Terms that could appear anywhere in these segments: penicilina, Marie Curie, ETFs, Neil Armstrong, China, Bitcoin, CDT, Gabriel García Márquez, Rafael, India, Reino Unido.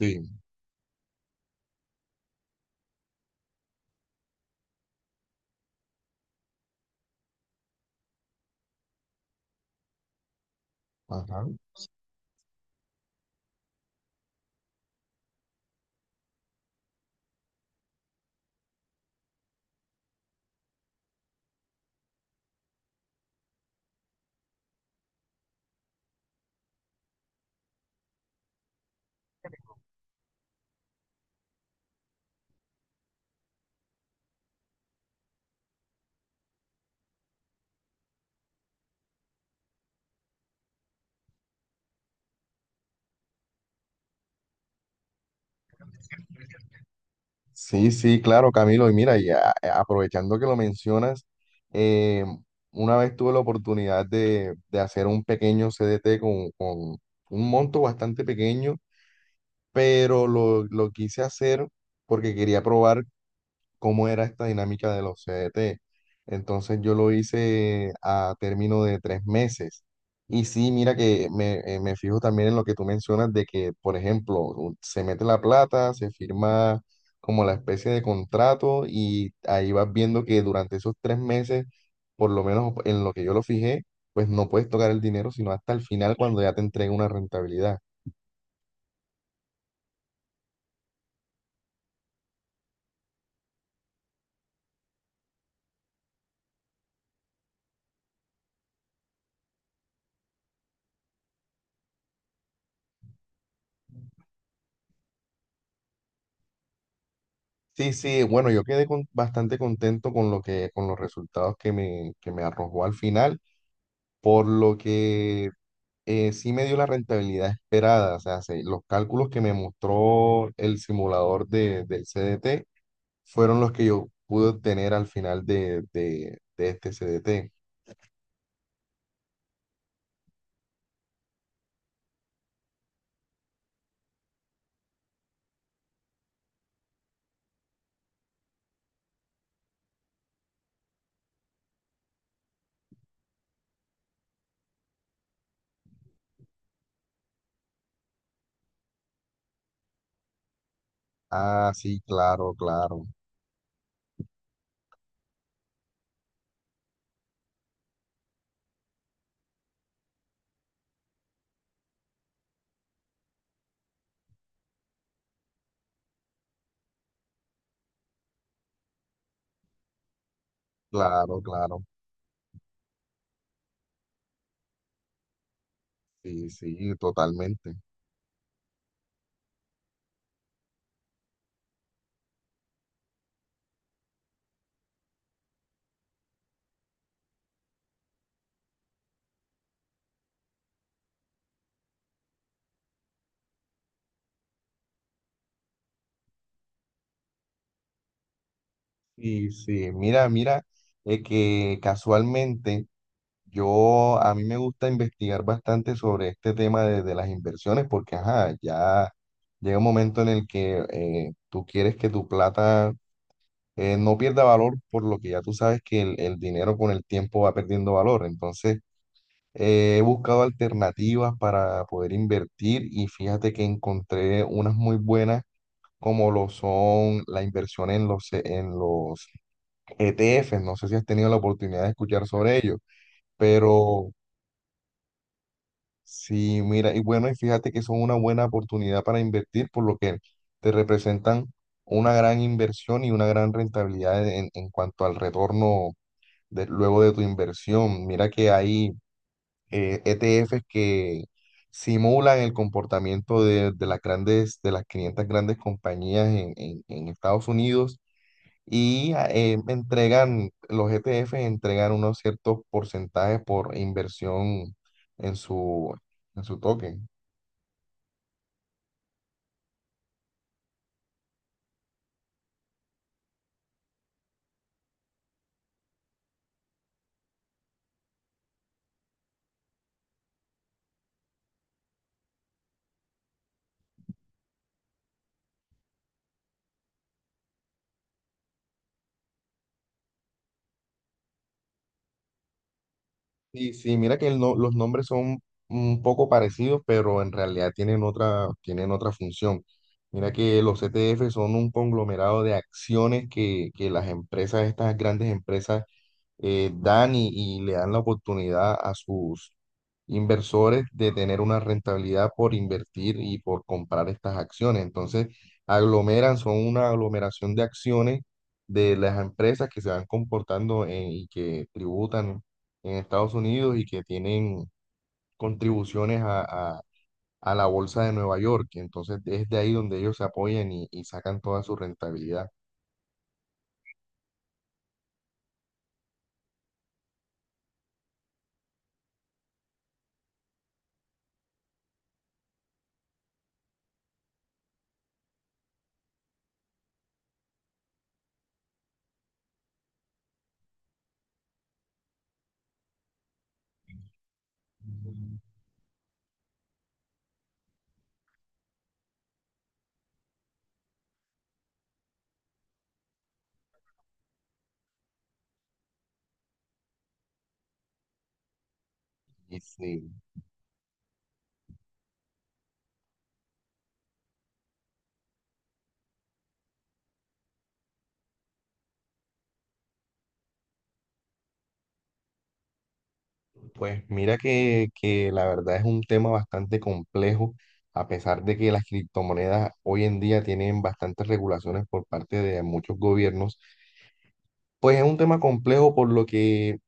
Sí, ajá. Sí, sí, claro, Camilo. Y mira, y aprovechando que lo mencionas. eh, una vez tuve la oportunidad de hacer un pequeño CDT con un monto bastante pequeño, pero lo quise hacer porque quería probar cómo era esta dinámica de los CDT. Entonces yo lo hice a término de 3 meses. Y sí, mira que me fijo también en lo que tú mencionas de que, por ejemplo, se mete la plata, se firma como la especie de contrato y ahí vas viendo que durante esos 3 meses, por lo menos en lo que yo lo fijé, pues no puedes tocar el dinero sino hasta el final cuando ya te entrega una rentabilidad. Sí, sí, bueno, yo quedé bastante contento con lo que, con los resultados que me arrojó al final, por lo que sí me dio la rentabilidad esperada. O sea, los cálculos que me mostró el simulador del CDT fueron los que yo pude obtener al final de este CDT. Ah, sí, claro, claro, claro, claro. Sí, sí, totalmente. Y sí, mira, mira, que casualmente a mí me gusta investigar bastante sobre este tema de las inversiones porque, ajá, ya llega un momento en el que tú quieres que tu plata no pierda valor, por lo que ya tú sabes que el dinero con el tiempo va perdiendo valor. Entonces, he buscado alternativas para poder invertir y fíjate que encontré unas muy buenas, como lo son la inversión en los ETFs. No sé si has tenido la oportunidad de escuchar sobre ello, pero... Sí, mira, y bueno, y fíjate que son una buena oportunidad para invertir, por lo que te representan una gran inversión y una gran rentabilidad en cuanto al retorno luego de tu inversión. Mira que hay ETFs que simulan el comportamiento de las 500 grandes compañías en, en Estados Unidos. Y los ETFs entregan unos ciertos porcentajes por inversión en su, en su token. Sí, sí, mira que el no- los nombres son un poco parecidos, pero en realidad tienen otra función. Mira que los ETF son un conglomerado de acciones que las empresas, estas grandes empresas, dan, y le dan la oportunidad a sus inversores de tener una rentabilidad por invertir y por comprar estas acciones. Entonces, son una aglomeración de acciones de las empresas que se van comportando y que tributan en Estados Unidos y que tienen contribuciones a- a la bolsa de Nueva York. Entonces, es de ahí donde ellos se apoyan y sacan toda su rentabilidad. Pues mira que la verdad es un tema bastante complejo, a pesar de que las criptomonedas hoy en día tienen bastantes regulaciones por parte de muchos gobiernos. Pues es un tema complejo, por lo que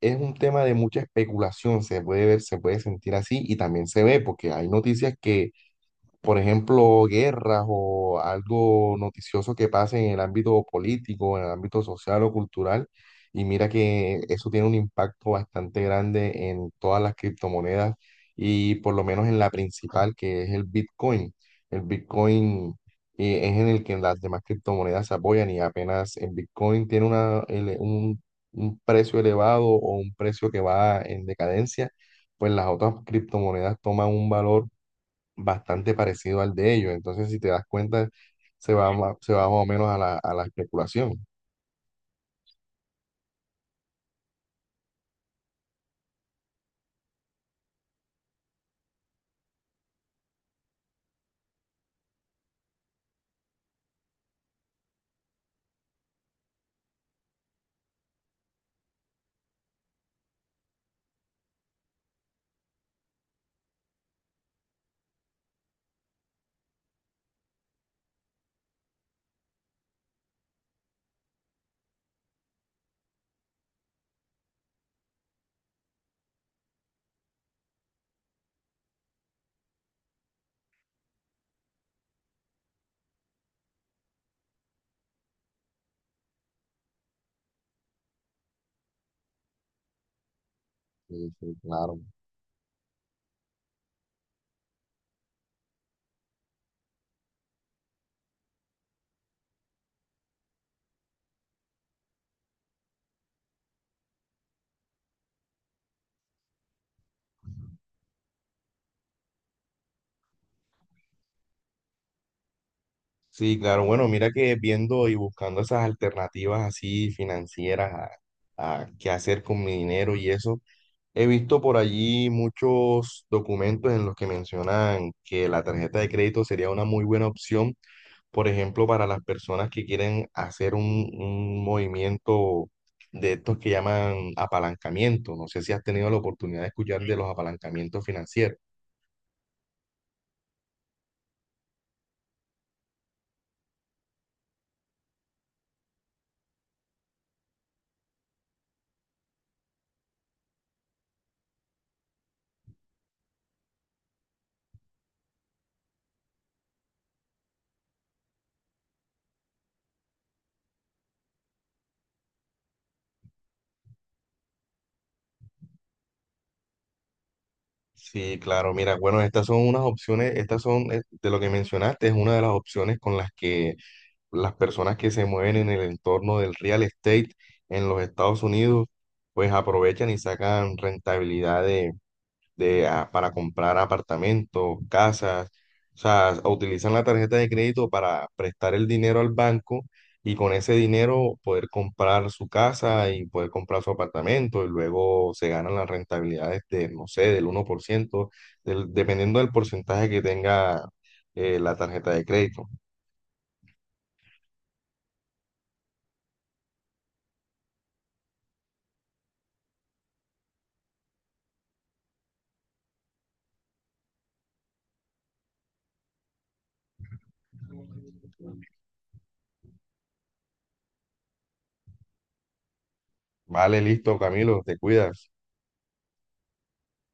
es un tema de mucha especulación. Se puede ver, se puede sentir así, y también se ve porque hay noticias que, por ejemplo, guerras o algo noticioso que pase en el ámbito político, en el ámbito social o cultural. Y mira que eso tiene un impacto bastante grande en todas las criptomonedas, y por lo menos en la principal, que es el Bitcoin. El Bitcoin es en el que las demás criptomonedas se apoyan, y apenas el Bitcoin tiene un precio elevado o un precio que va en decadencia, pues las otras criptomonedas toman un valor bastante parecido al de ellos. Entonces, si te das cuenta, se va más o menos a la especulación. Sí, sí, claro. Sí, claro. Bueno, mira que viendo y buscando esas alternativas así financieras a qué hacer con mi dinero y eso, he visto por allí muchos documentos en los que mencionan que la tarjeta de crédito sería una muy buena opción. Por ejemplo, para las personas que quieren hacer un movimiento de estos que llaman apalancamiento. No sé si has tenido la oportunidad de escuchar de los apalancamientos financieros. Sí, claro, mira, bueno, estas son unas opciones. De lo que mencionaste, es una de las opciones con las que las personas que se mueven en el entorno del real estate en los Estados Unidos pues aprovechan y sacan rentabilidad de, ah para comprar apartamentos, casas. O sea, utilizan la tarjeta de crédito para prestar el dinero al banco, y con ese dinero poder comprar su casa y poder comprar su apartamento, y luego se ganan las rentabilidades de, no sé, del 1%, dependiendo del porcentaje que tenga la tarjeta de crédito. Vale, listo, Camilo, te cuidas.